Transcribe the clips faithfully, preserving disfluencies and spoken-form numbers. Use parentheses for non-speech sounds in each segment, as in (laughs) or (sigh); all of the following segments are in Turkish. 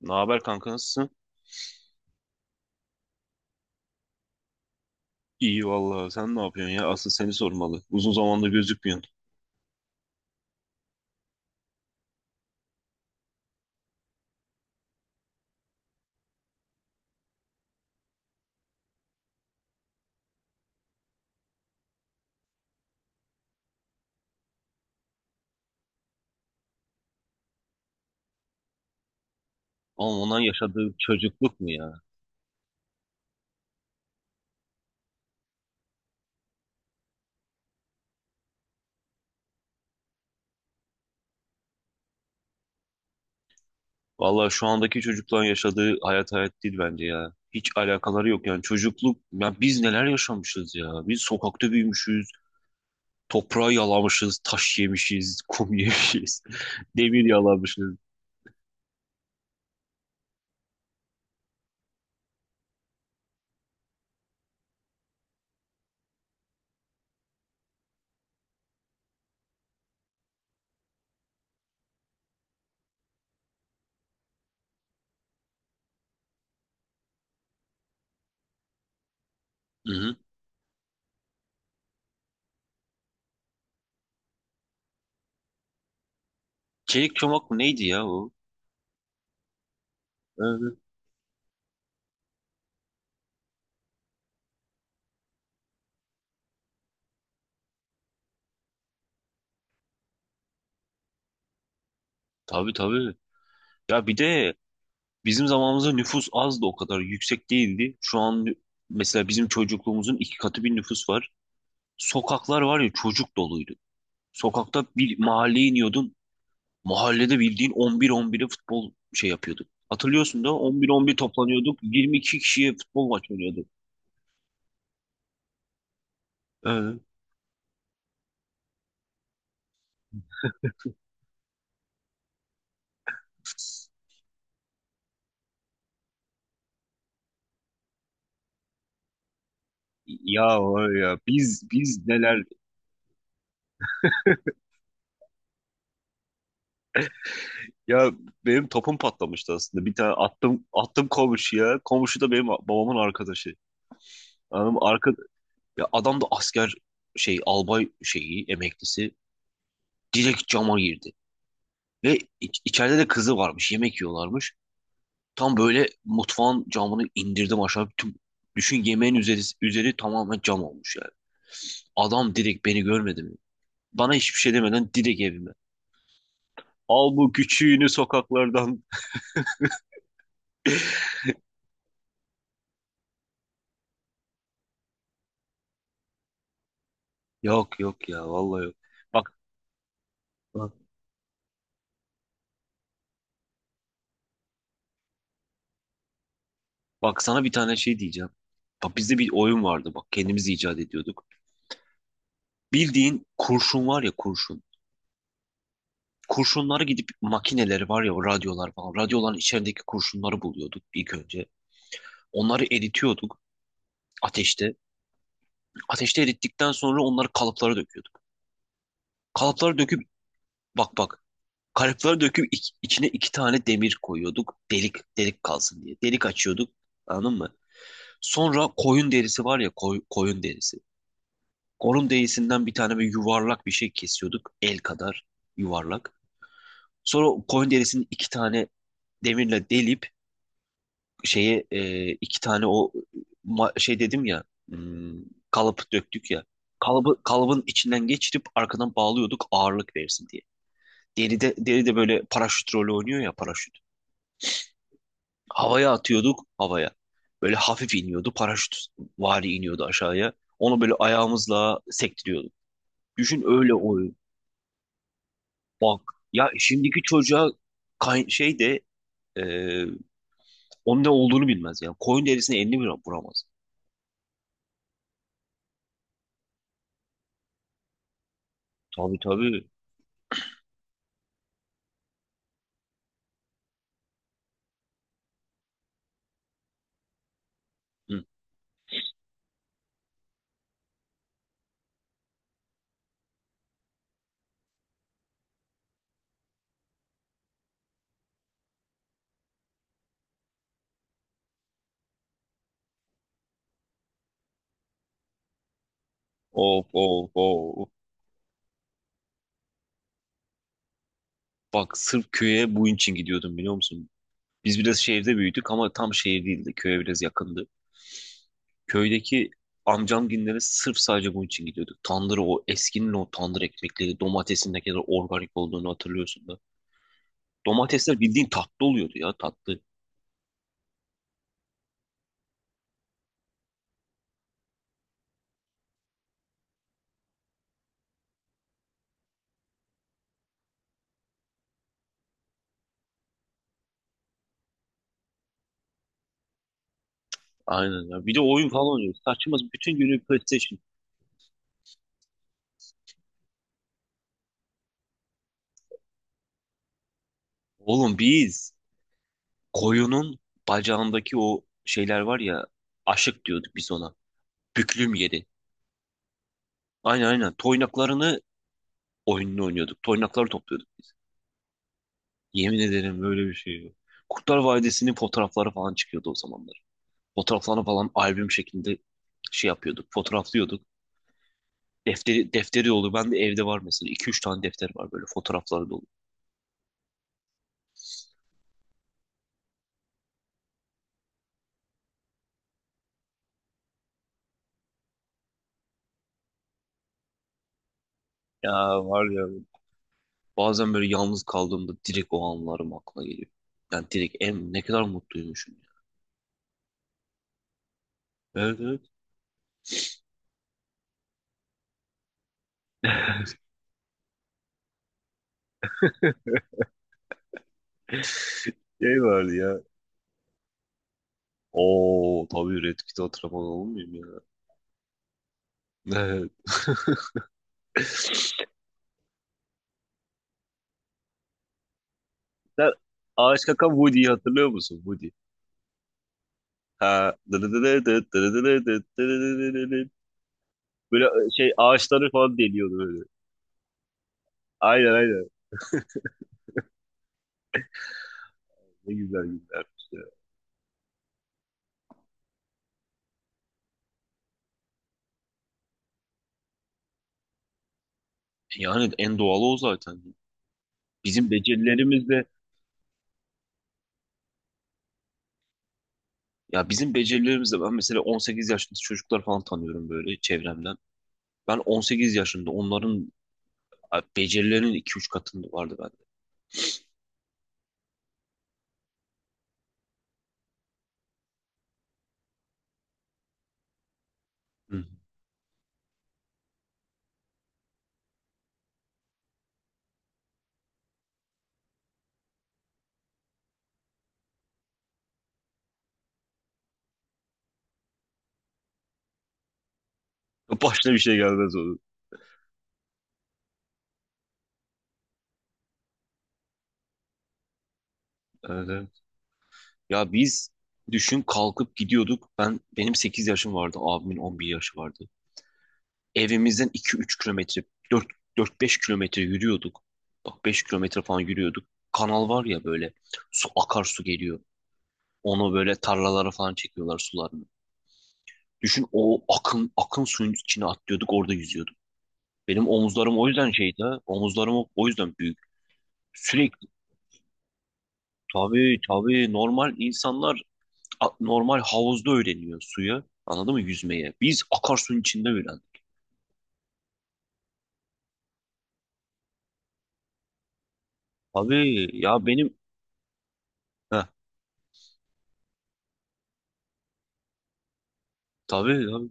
Ne haber kanka, nasılsın? İyi vallahi, sen ne yapıyorsun ya? Asıl seni sormalı. Uzun zamandır gözükmüyorsun. Ama ondan yaşadığı çocukluk mu ya? Vallahi şu andaki çocukların yaşadığı hayat hayat değil bence ya. Hiç alakaları yok yani çocukluk. Ya biz neler yaşamışız ya? Biz sokakta büyümüşüz. Toprağı yalamışız, taş yemişiz, kum (laughs) yemişiz, demir yalamışız. Hı hı. Çelik çomak mı neydi ya o? Evet. Tabii tabii. Ya bir de bizim zamanımızda nüfus az da o kadar yüksek değildi. Şu an nü- mesela bizim çocukluğumuzun iki katı bir nüfus var. Sokaklar var ya, çocuk doluydu. Sokakta bir mahalleye iniyordun. Mahallede bildiğin on bir on bire futbol şey yapıyorduk. Hatırlıyorsun da on bir on bir toplanıyorduk. yirmi iki kişiye futbol maçı oynuyorduk. Ee, ya var ya biz biz neler ya benim topum patlamıştı aslında. Bir tane attım attım komşuya. Komşu da benim babamın arkadaşı. Anladın mı? Arka, ya adam da asker, şey, albay şeyi emeklisi, direkt cama girdi. Ve iç- içeride de kızı varmış. Yemek yiyorlarmış. Tam böyle mutfağın camını indirdim aşağı. Tüm, düşün yemeğin üzeri, üzeri tamamen cam olmuş yani. Adam direkt beni görmedi mi? Bana hiçbir şey demeden direkt evime. Al bu küçüğünü sokaklardan. (laughs) Yok yok ya vallahi yok. Bak bak bak sana bir tane şey diyeceğim. Bak bizde bir oyun vardı, bak kendimiz icat ediyorduk. Bildiğin kurşun var ya, kurşun. Kurşunları, gidip makineleri var ya o radyolar falan. Radyoların içerideki kurşunları buluyorduk ilk önce. Onları eritiyorduk ateşte. Ateşte erittikten sonra onları kalıplara döküyorduk. Kalıplara döküp bak bak. Kalıplara döküp iç- içine iki tane demir koyuyorduk. Delik delik kalsın diye. Delik açıyorduk. Anladın mı? Sonra koyun derisi var ya, koy- koyun derisi. Koyun derisinden bir tane, bir yuvarlak bir şey kesiyorduk. El kadar yuvarlak. Sonra koyun derisini iki tane demirle delip şeye, e, iki tane o ma- şey dedim ya, hmm, kalıp döktük ya, kalıbı kalıbın içinden geçirip arkadan bağlıyorduk ağırlık versin diye. Deride deride böyle paraşüt rolü oynuyor ya, paraşüt. Havaya atıyorduk havaya. Böyle hafif iniyordu, paraşüt vari iniyordu aşağıya. Onu böyle ayağımızla sektiriyorduk. Düşün öyle oyun. Bak, ya şimdiki çocuğa kay- şey de, e, onun ne olduğunu bilmez yani. Koyun derisine elini bile vuramaz. Tabii tabii. Of of of. Bak sırf köye bu için gidiyordum, biliyor musun? Biz biraz şehirde büyüdük ama tam şehir değildi. Köye biraz yakındı. Köydeki amcamginlere sırf sadece bunun için gidiyorduk. Tandırı, o eskinin o tandır ekmekleri, domatesin ne kadar organik olduğunu hatırlıyorsun da. Domatesler bildiğin tatlı oluyordu ya, tatlı. Aynen ya. Bir de oyun falan oynuyoruz. Saçma, bütün günü PlayStation. Oğlum biz koyunun bacağındaki o şeyler var ya, aşık diyorduk biz ona. Büklüm yeri. Aynen aynen. Toynaklarını, oyununu oynuyorduk. Toynakları topluyorduk biz. Yemin ederim böyle bir şey yok. Kurtlar Vadisi'nin fotoğrafları falan çıkıyordu o zamanlar. Fotoğraflarını falan albüm şeklinde şey yapıyorduk, fotoğraflıyorduk. Defteri, defteri dolu. Ben de evde var mesela. İki üç tane defter var, böyle fotoğrafları dolu. Ya var ya. Bazen böyle yalnız kaldığımda direkt o anlarım aklıma geliyor. Yani direkt em ne kadar mutluymuşum ya. Evet evet. (laughs) Şey vardı ya. Oo tabii, Red Kit'i hatırlamadan olmuyor ya. Evet. (laughs) Sen Ağaç Kakan Woody'yi hatırlıyor musun? Woody. Ha. Böyle e, şey, ağaçları falan deliyordu böyle. Aynen aynen. Ne güzel günler. Yani en doğalı o zaten. Bizim becerilerimizle ya bizim becerilerimizle ben mesela on sekiz yaşında çocuklar falan tanıyorum böyle çevremden. Ben on sekiz yaşında onların becerilerinin iki üç katında vardı bende. Hı. Başına bir şey gelmez onun. Evet. Ya biz, düşün, kalkıp gidiyorduk. Ben benim sekiz yaşım vardı. Abimin on bir yaşı vardı. Evimizden iki üç kilometre, dört dört beş kilometre yürüyorduk. Bak beş kilometre falan yürüyorduk. Kanal var ya böyle, su, akarsu geliyor. Onu böyle tarlalara falan çekiyorlar sularını. Düşün, o akın akın suyun içine atlıyorduk, orada yüzüyorduk. Benim omuzlarım o yüzden şeydi ha. Omuzlarım o o yüzden büyük. Sürekli, tabii tabii, normal insanlar a- normal havuzda öğreniyor suyu. Anladın mı, yüzmeye? Biz akarsuyun içinde öğrendik. Tabii ya benim, heh, tabii tabii.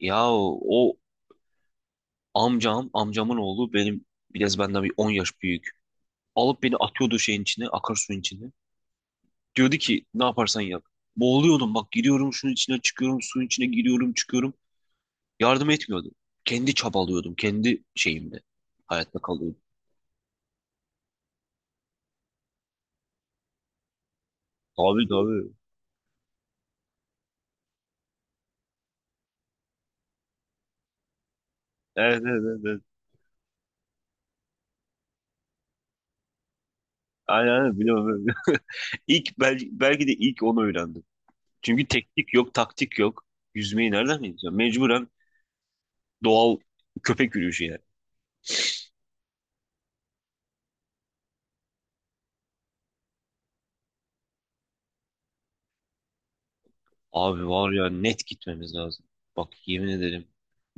Ya o amcam, amcamın oğlu benim, biraz benden bir on yaş büyük. Alıp beni atıyordu şeyin içine, akarsuyun içine. Diyordu ki ne yaparsan yap. Boğuluyordum, bak giriyorum şunun içine, çıkıyorum, suyun içine giriyorum, çıkıyorum. Yardım etmiyordu. Kendi çabalıyordum, kendi şeyimle. Hayatta kalıyordum. Tabii tabii. Evet evet evet. evet. Aynen aynen, biliyorum. İlk belki, belki de ilk onu öğrendim. Çünkü teknik yok, taktik yok. Yüzmeyi nereden bileceğim? Mecburen doğal köpek yürüyüşü yani. Abi var ya, net gitmemiz lazım. Bak yemin ederim.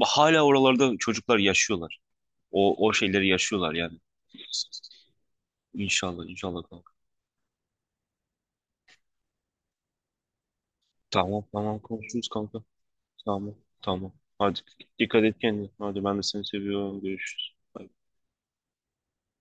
Bak hala oralarda çocuklar yaşıyorlar. O o şeyleri yaşıyorlar yani. İnşallah inşallah kanka. Tamam tamam, konuşuruz kanka. Tamam tamam. Hadi, dikkat et kendine. Hadi ben de seni seviyorum. Görüşürüz.